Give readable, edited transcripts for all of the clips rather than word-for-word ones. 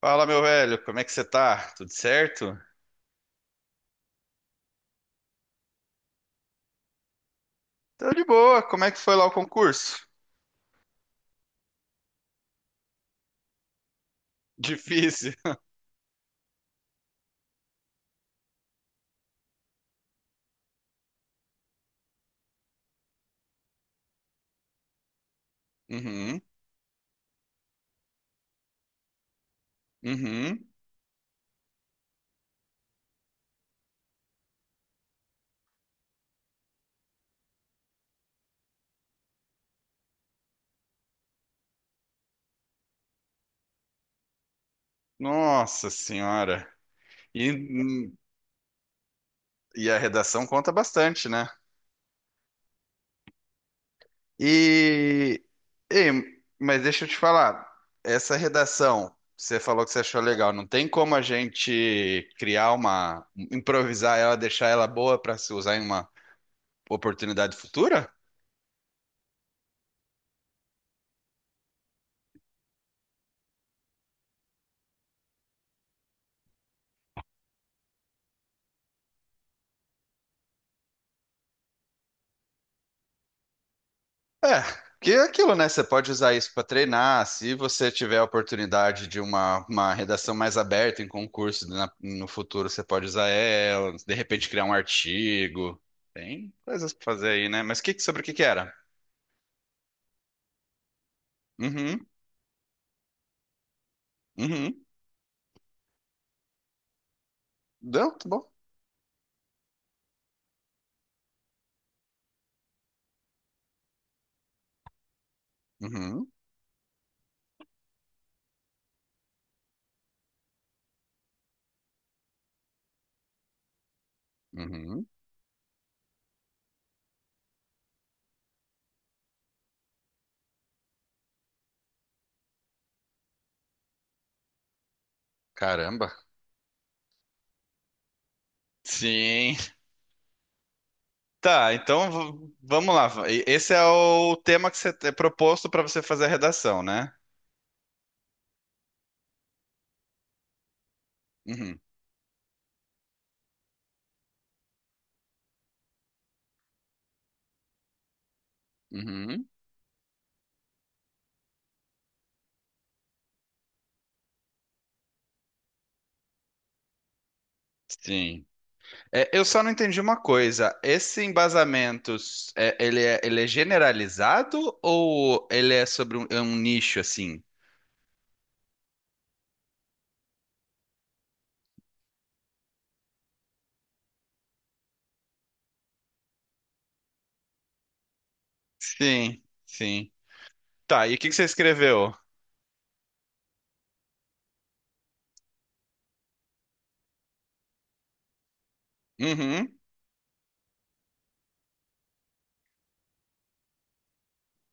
Fala, meu velho, como é que você tá? Tudo certo? Tô de boa, como é que foi lá o concurso? Difícil. Uhum, uhum. Nossa senhora. E, e a redação conta bastante, né? E, ei, mas deixa eu te falar, essa redação, você falou que você achou legal, não tem como a gente criar uma, improvisar ela, deixar ela boa pra se usar em uma oportunidade futura? É, que é aquilo, né? Você pode usar isso para treinar. Se você tiver a oportunidade de uma redação mais aberta em concurso na- no futuro, você pode usar ela. De repente criar um artigo. Tem coisas para fazer aí, né? Mas que- sobre o que que era? Uhum, uhum. Deu, tá bom. Uhum, uhum. Caramba. Sim. Tá, então v- vamos lá. E- Esse é o tema que você é proposto para você fazer a redação, né? Uhum, uhum. Sim. É, eu só não entendi uma coisa. Esse embasamento, ele é generalizado ou ele é sobre um, é um nicho assim? Sim, sim. Tá, e o que que você escreveu? Uhum.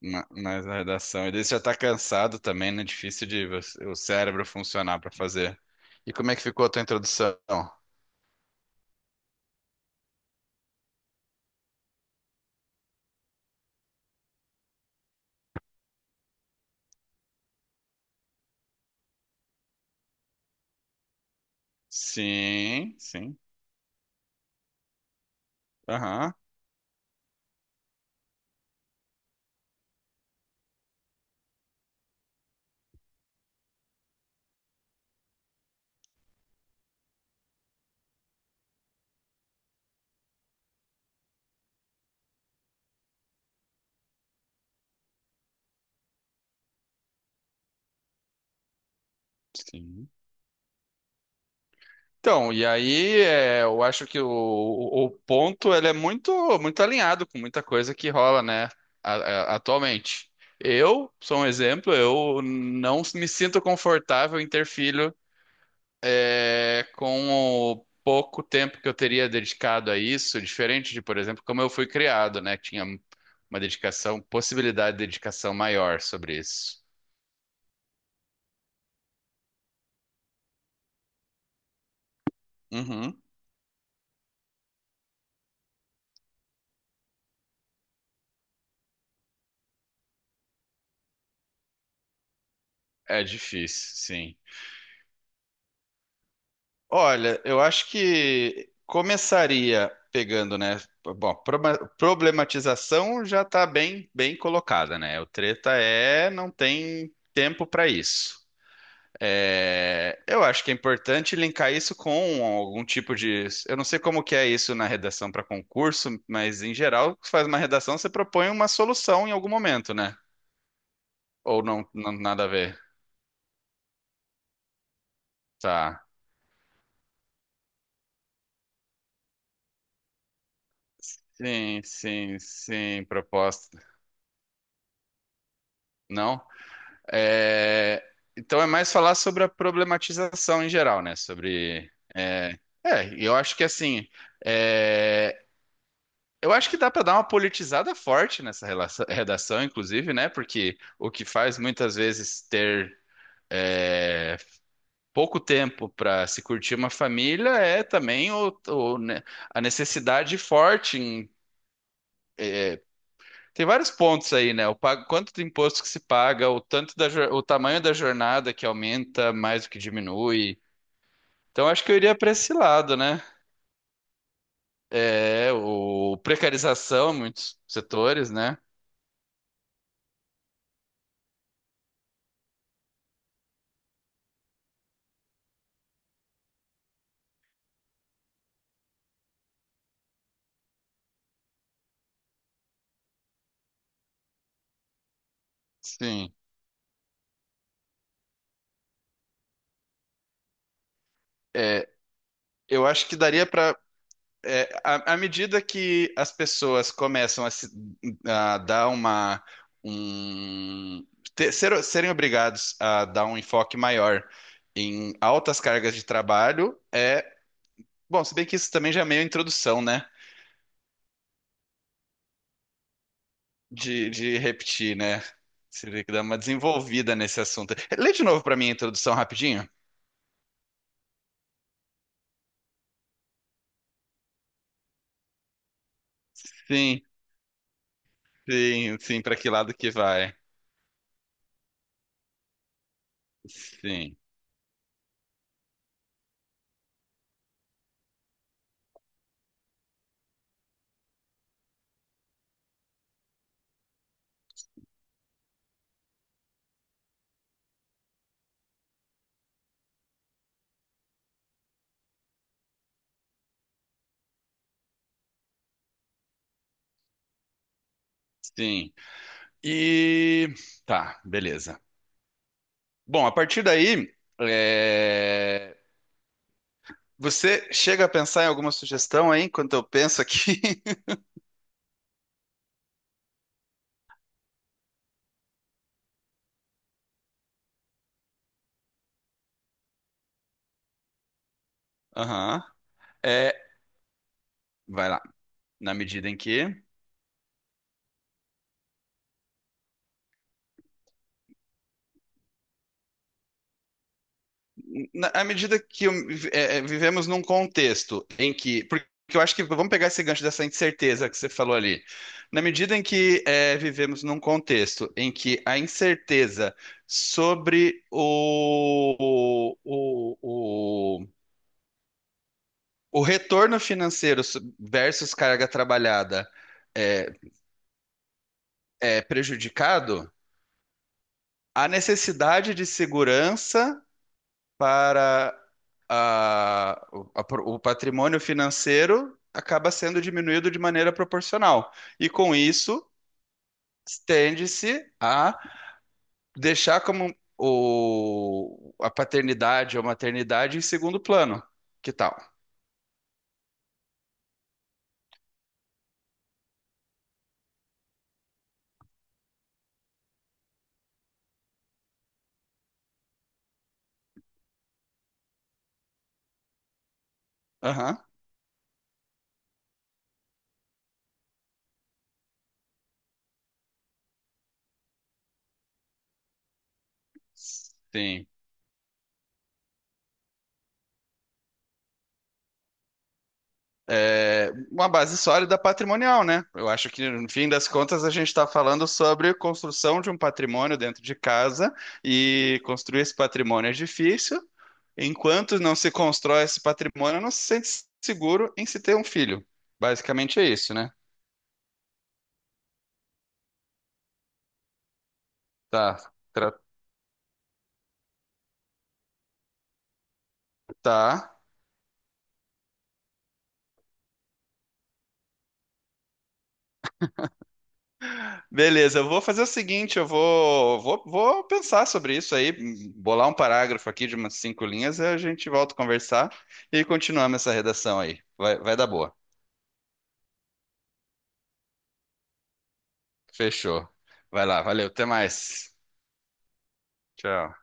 Na, na redação. Ele já tá cansado também, né? Difícil de você- o cérebro funcionar pra fazer. E como é que ficou a tua introdução? Sim, sim. Aham. Sim. Então, e aí é, eu acho que o ponto ele é muito muito alinhado com muita coisa que rola, né, a- atualmente. Eu sou um exemplo, eu não me sinto confortável em ter filho é, com o pouco tempo que eu teria dedicado a isso, diferente de, por exemplo, como eu fui criado, né, que tinha uma dedicação, possibilidade de dedicação maior sobre isso. Uhum. É difícil, sim. Olha, eu acho que começaria pegando, né? Bom, proba- problematização já está bem, bem colocada, né? O treta é não tem tempo para isso. É, eu acho que é importante linkar isso com algum tipo de. Eu não sei como que é isso na redação para concurso, mas em geral, você faz uma redação, você propõe uma solução em algum momento, né? Ou não, não- nada a ver. Tá. Sim, sim, sim, proposta. Não? É, então é mais falar sobre a problematização em geral, né? Sobre. E eu acho que assim. É, eu acho que dá para dar uma politizada forte nessa relação- redação, inclusive, né? Porque o que faz muitas vezes ter é, pouco tempo para se curtir uma família é também o, né, a necessidade forte em. Tem vários pontos aí, né? O pago, quanto de imposto que se paga, o tanto da, jor- o tamanho da jornada que aumenta mais do que diminui. Então acho que eu iria para esse lado, né? É, o precarização em muitos setores, né? Sim. É, eu acho que daria para à, à medida que as pessoas começam a, se- a dar uma um ter- ser- serem obrigados a dar um enfoque maior em altas cargas de trabalho, é bom, se bem que isso também já é meio introdução, né? De repetir, né? Seria que dar uma desenvolvida nesse assunto. Lê de novo para mim a introdução rapidinho. Sim, sim, sim, para que lado que vai? Sim, sim. E tá, beleza. Bom, a partir daí, é, você chega a pensar em alguma sugestão aí enquanto eu penso aqui? Aham. É, vai lá. Na medida em que. Na- à medida que eu- é, é, vivemos num contexto em que, porque eu acho que vamos pegar esse gancho dessa incerteza que você falou ali. Na medida em que é, vivemos num contexto em que a incerteza sobre o, o retorno financeiro so, versus carga trabalhada é, é prejudicado, a necessidade de segurança para a o patrimônio financeiro acaba sendo diminuído de maneira proporcional. E com isso, tende-se a deixar como o, a paternidade ou maternidade em segundo plano. Que tal? Aham. Sim. É, uma base sólida patrimonial, né? Eu acho que, no fim das contas, a gente está falando sobre construção de um patrimônio dentro de casa e construir esse patrimônio é difícil. Enquanto não se constrói esse patrimônio, não se sente seguro em se ter um filho. Basicamente é isso, né? Tá, tra- tá. Beleza, eu vou fazer o seguinte, eu vou pensar sobre isso aí, bolar um parágrafo aqui de umas cinco linhas, e a gente volta a conversar e continuamos essa redação aí. Vai, vai dar boa. Fechou. Vai lá, valeu, até mais. Tchau.